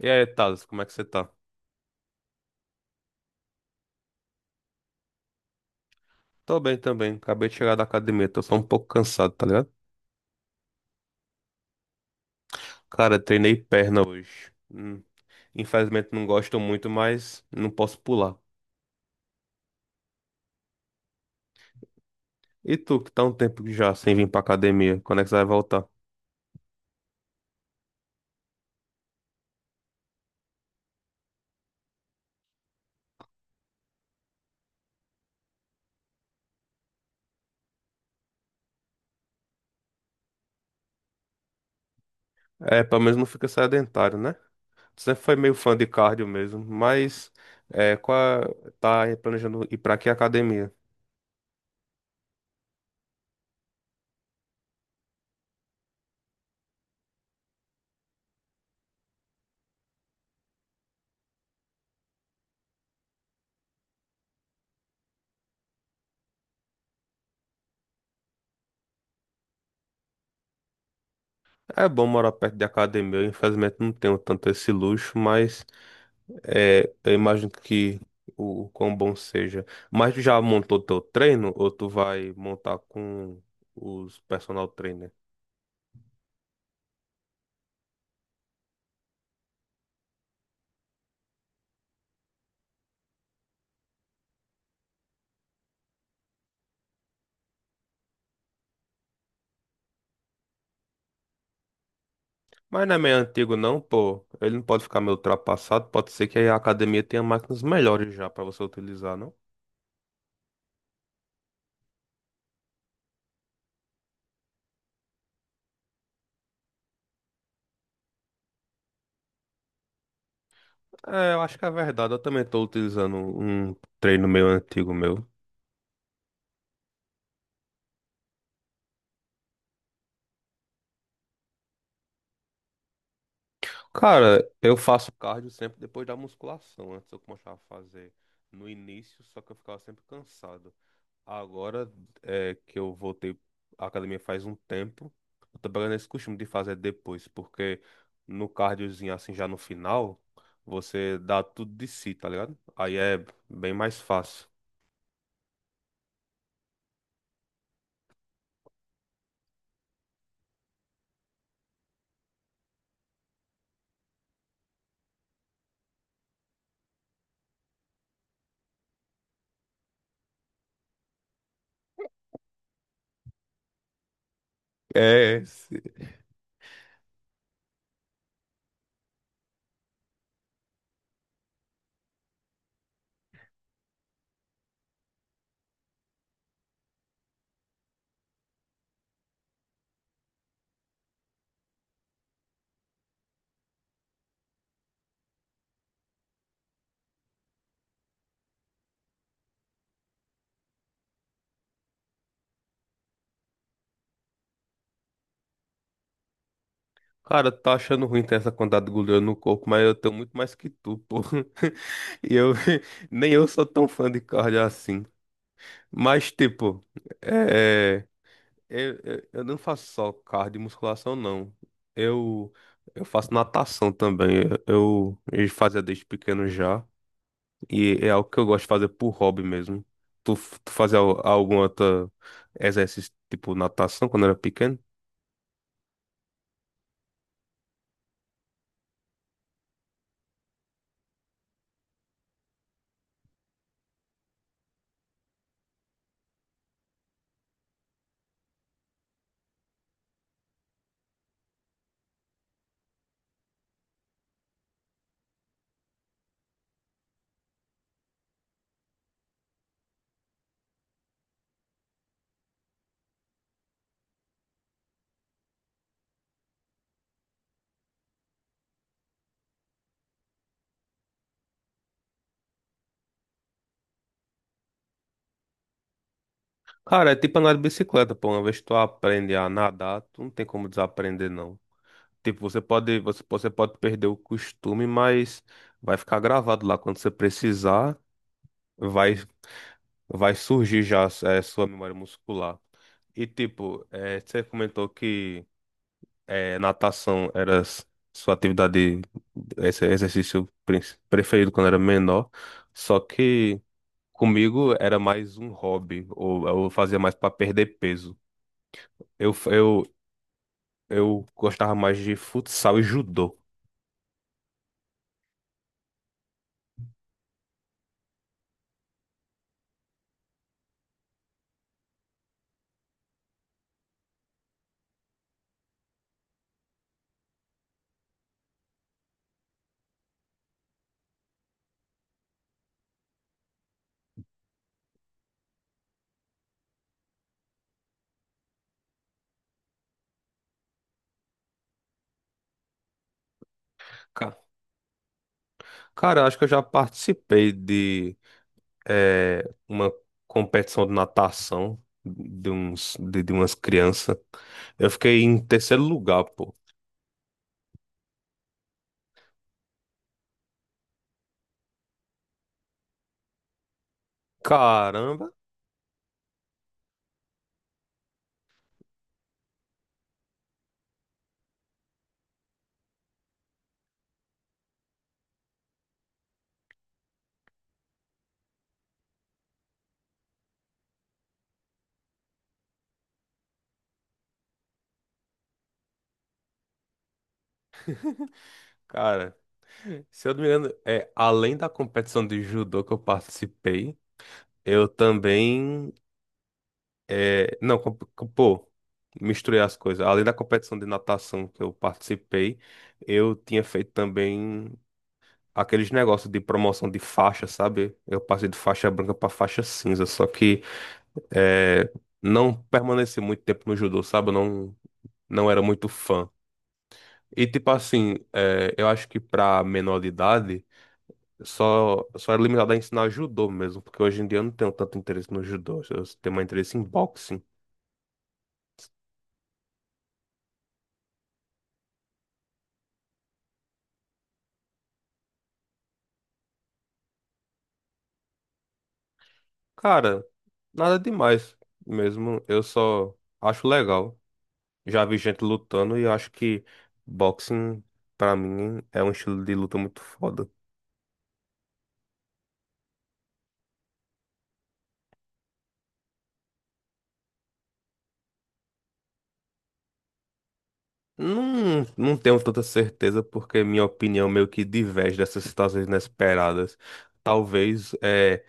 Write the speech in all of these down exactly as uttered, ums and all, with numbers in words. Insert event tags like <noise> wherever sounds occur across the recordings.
E aí, Thales, como é que você tá? Tô bem também. Acabei de chegar da academia, tô só um pouco cansado, tá ligado? Cara, treinei perna hoje. Hum, Infelizmente não gosto muito, mas não posso pular. E tu, que tá um tempo já sem vir pra academia, quando é que você vai voltar? É, pelo menos não fica sedentário, né? Sempre foi meio fã de cardio mesmo, mas é, qual é- tá planejando ir pra que academia? É bom morar perto de academia, eu, infelizmente não tenho tanto esse luxo, mas é, eu imagino que o quão bom seja. Mas tu já montou teu treino ou tu vai montar com os personal trainer? Mas não é meio antigo não, pô. Ele não pode ficar meio ultrapassado, pode ser que a academia tenha máquinas melhores já pra você utilizar, não? É, eu acho que é verdade. Eu também tô utilizando um treino meu antigo meu. Cara, eu faço cardio sempre depois da musculação. Antes eu começava a fazer no início, só que eu ficava sempre cansado. Agora, é, que eu voltei à academia faz um tempo, eu tô pegando esse costume de fazer depois, porque no cardiozinho, assim, já no final, você dá tudo de si, tá ligado? Aí é bem mais fácil. É. Cara, tá achando ruim ter essa quantidade de gordura no corpo, mas eu tenho muito mais que tu, pô. <laughs> E eu, <laughs> nem eu sou tão fã de cardio assim. Mas, tipo, é, é, eu, eu eu não faço só cardio e musculação, não. Eu, eu faço natação também. Eu, eu fazia desde pequeno já. E é algo que eu gosto de fazer por hobby mesmo. Tu, tu fazia al- algum outro exercício, tipo natação, quando era pequeno? Cara, é tipo andar de bicicleta, pô. Uma vez que tu aprende a nadar, tu não tem como desaprender, não. Tipo, você pode, você, você pode perder o costume, mas vai ficar gravado lá. Quando você precisar, vai, vai surgir já, é, sua memória muscular. E tipo, eh, você comentou que eh, natação era s- sua atividade, esse exercício prin- preferido quando era menor. Só que comigo era mais um hobby, ou eu fazia mais para perder peso. Eu, f- eu, Eu gostava mais de futsal e judô. Ca- Cara, eu acho que eu já participei de eh, uma competição de natação de, uns, de, de umas crianças. Eu fiquei em terceiro lugar, pô. Caramba, cara. Se eu não me engano, é, além da competição de judô que eu participei, eu também. Eh, não, com- com- pô, misturei as coisas. Além da competição de natação que eu participei, eu tinha feito também aqueles negócios de promoção de faixa, sabe? Eu passei de faixa branca pra faixa cinza, só que, é, não permaneci muito tempo no judô, sabe? Eu não, não era muito fã. E tipo assim, é, eu acho que pra menor de idade, só, só era limitado a ensinar judô mesmo, porque hoje em dia eu não tenho tanto interesse no judô, eu tenho mais interesse em boxing. Cara, nada demais mesmo, eu só acho legal. Já vi gente lutando e eu acho que boxing, pra mim, é um estilo de luta muito foda. Não, não tenho tanta certeza, porque minha opinião meio que diverge dessas situações inesperadas. Talvez, é,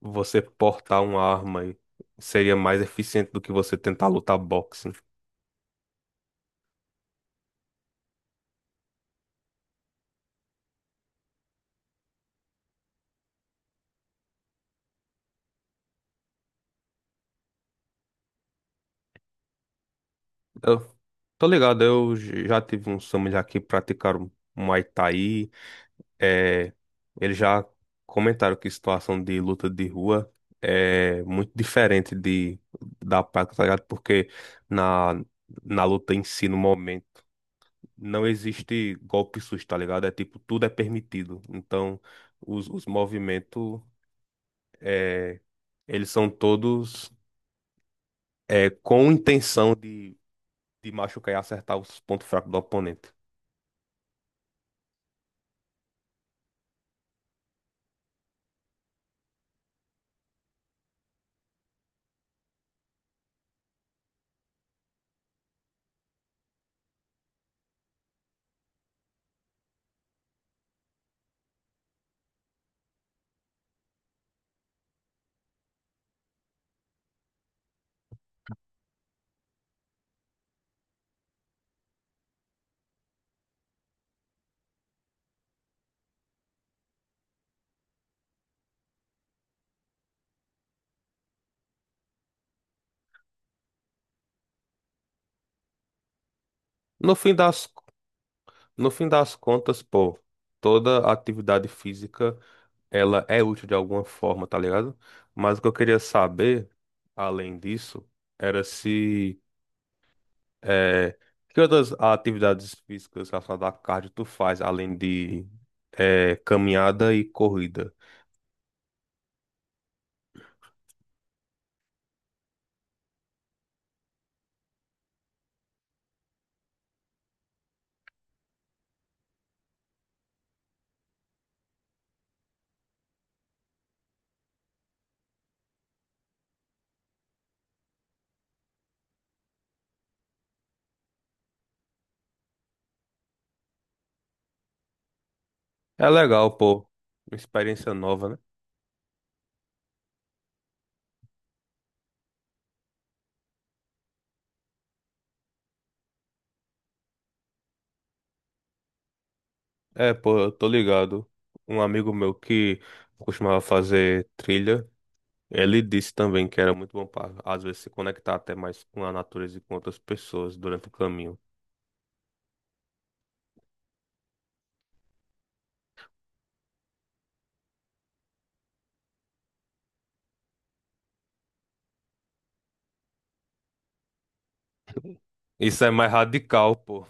você portar uma arma e- seria mais eficiente do que você tentar lutar boxing. Eu tô ligado, eu j- já tive uns família que praticaram Muay Thai. É, eles já comentaram que situação de luta de rua é muito diferente de, da prática, tá ligado? Porque na, na luta em si, no momento, não existe golpe susto, tá ligado? É tipo, tudo é permitido. Então, os, os movimentos, é, eles são todos, é, com intenção de, de machucar e acertar os pontos fracos do oponente. No fim das No fim das contas, pô, toda atividade física, ela é útil de alguma forma, tá ligado? Mas o que eu queria saber, além disso, era se, eh, que outras atividades físicas relacionadas à cardio tu faz, além de, eh, caminhada e corrida? É legal, pô, uma experiência nova, né? É, pô, eu tô ligado. Um amigo meu que costumava fazer trilha, ele disse também que era muito bom para, às vezes, se conectar até mais com a natureza e com outras pessoas durante o caminho. Isso é mais radical, pô.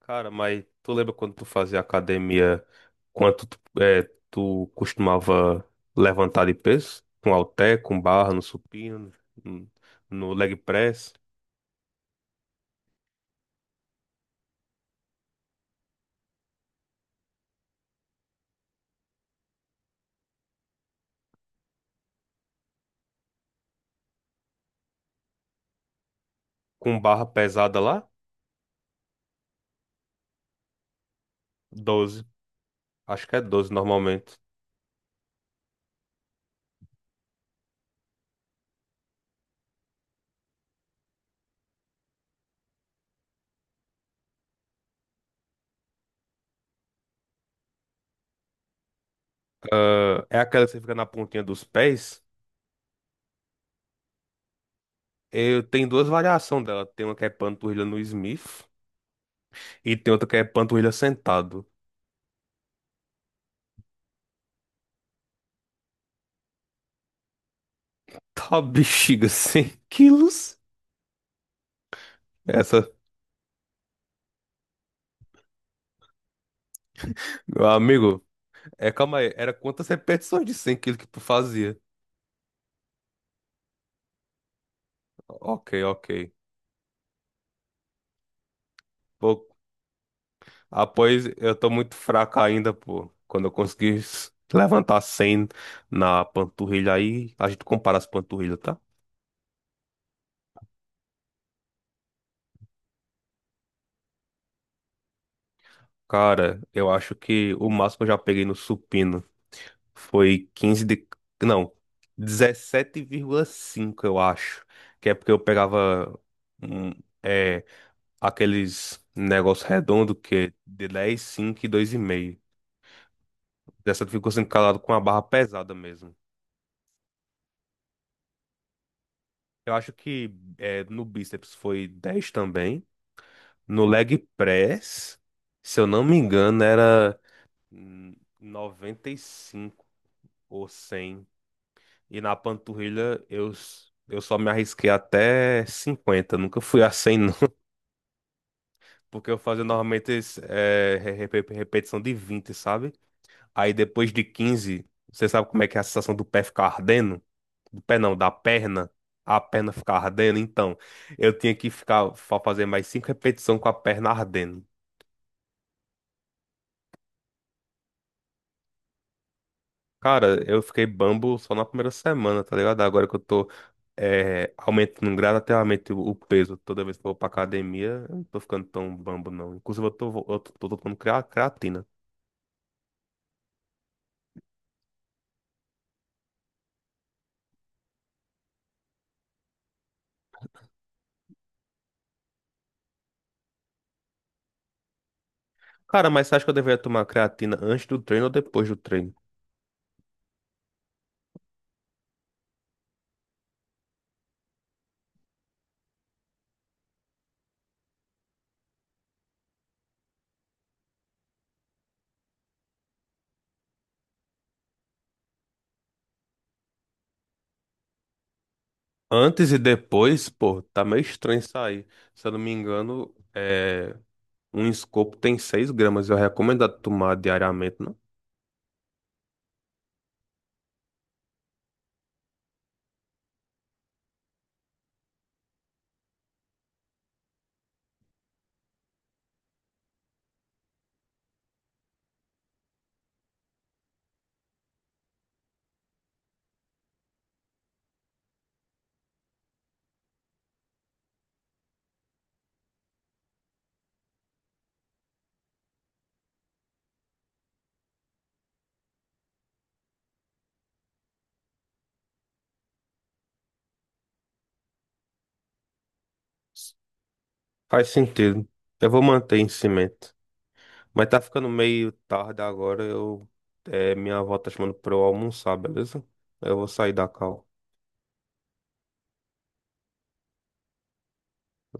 Cara, mas tu lembra quando tu fazia academia, quanto tu, é, tu costumava levantar de peso? Com halter, com barra, no supino, no no leg press, com barra pesada lá? Doze, Acho que é doze normalmente. É é aquela que você fica na pontinha dos pés. Eu tenho duas variações dela. Tem uma que é panturrilha no Smith e tem outra que é panturrilha sentado. <laughs> Tá bexiga, cem quilos? Essa, meu amigo, é, calma aí, era quantas repetições de cem quilos que tu fazia? Ok, ok. Pô, após, eu tô muito fraca ainda, pô. Quando eu conseguir s- levantar cem na panturrilha aí, a gente compara as panturrilhas, tá? Cara, eu acho que o máximo que eu já peguei no supino foi quinze de. Não, dezessete vírgula cinco, eu acho. Que é porque eu pegava hum, é, aqueles negócios redondos que é de dez, cinco e dois e meio. dezessete vírgula cinco calado com a barra pesada mesmo. Eu acho que, é, no bíceps foi dez também. No leg press, se eu não me engano, era, hum, noventa e cinco ou cem. E na panturrilha eu, s- eu só me arrisquei até cinquenta, nunca fui a cem, não. <laughs> Porque eu fazia normalmente es- eh, re- repe- repetição de vinte, sabe? Aí depois de quinze você sabe como é que é a sensação do pé ficar ardendo? Do pé não, da perna. A perna ficar ardendo. Então, eu tinha que ficar fa- fazer mais cinco repetições com a perna ardendo. Cara, eu fiquei bambo só na primeira semana, tá ligado? Agora que eu tô, é, aumentando gradativamente o o peso toda vez que eu vou pra academia, eu não tô ficando tão bambo, não. Inclusive, eu tô, eu tô, tô tomando crea- creatina. Cara, mas você acha que eu deveria tomar creatina antes do treino ou depois do treino? Antes e depois, pô, tá meio estranho isso aí. Se eu não me engano, é, um escopo tem seis gramas. Eu recomendo tomar diariamente, não? Faz sentido. Eu vou manter em cima. Mas tá ficando meio tarde agora. Eu, é, minha avó tá chamando pra eu almoçar, beleza? Eu vou sair da cal.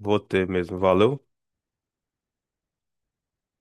Vou ter mesmo. Valeu.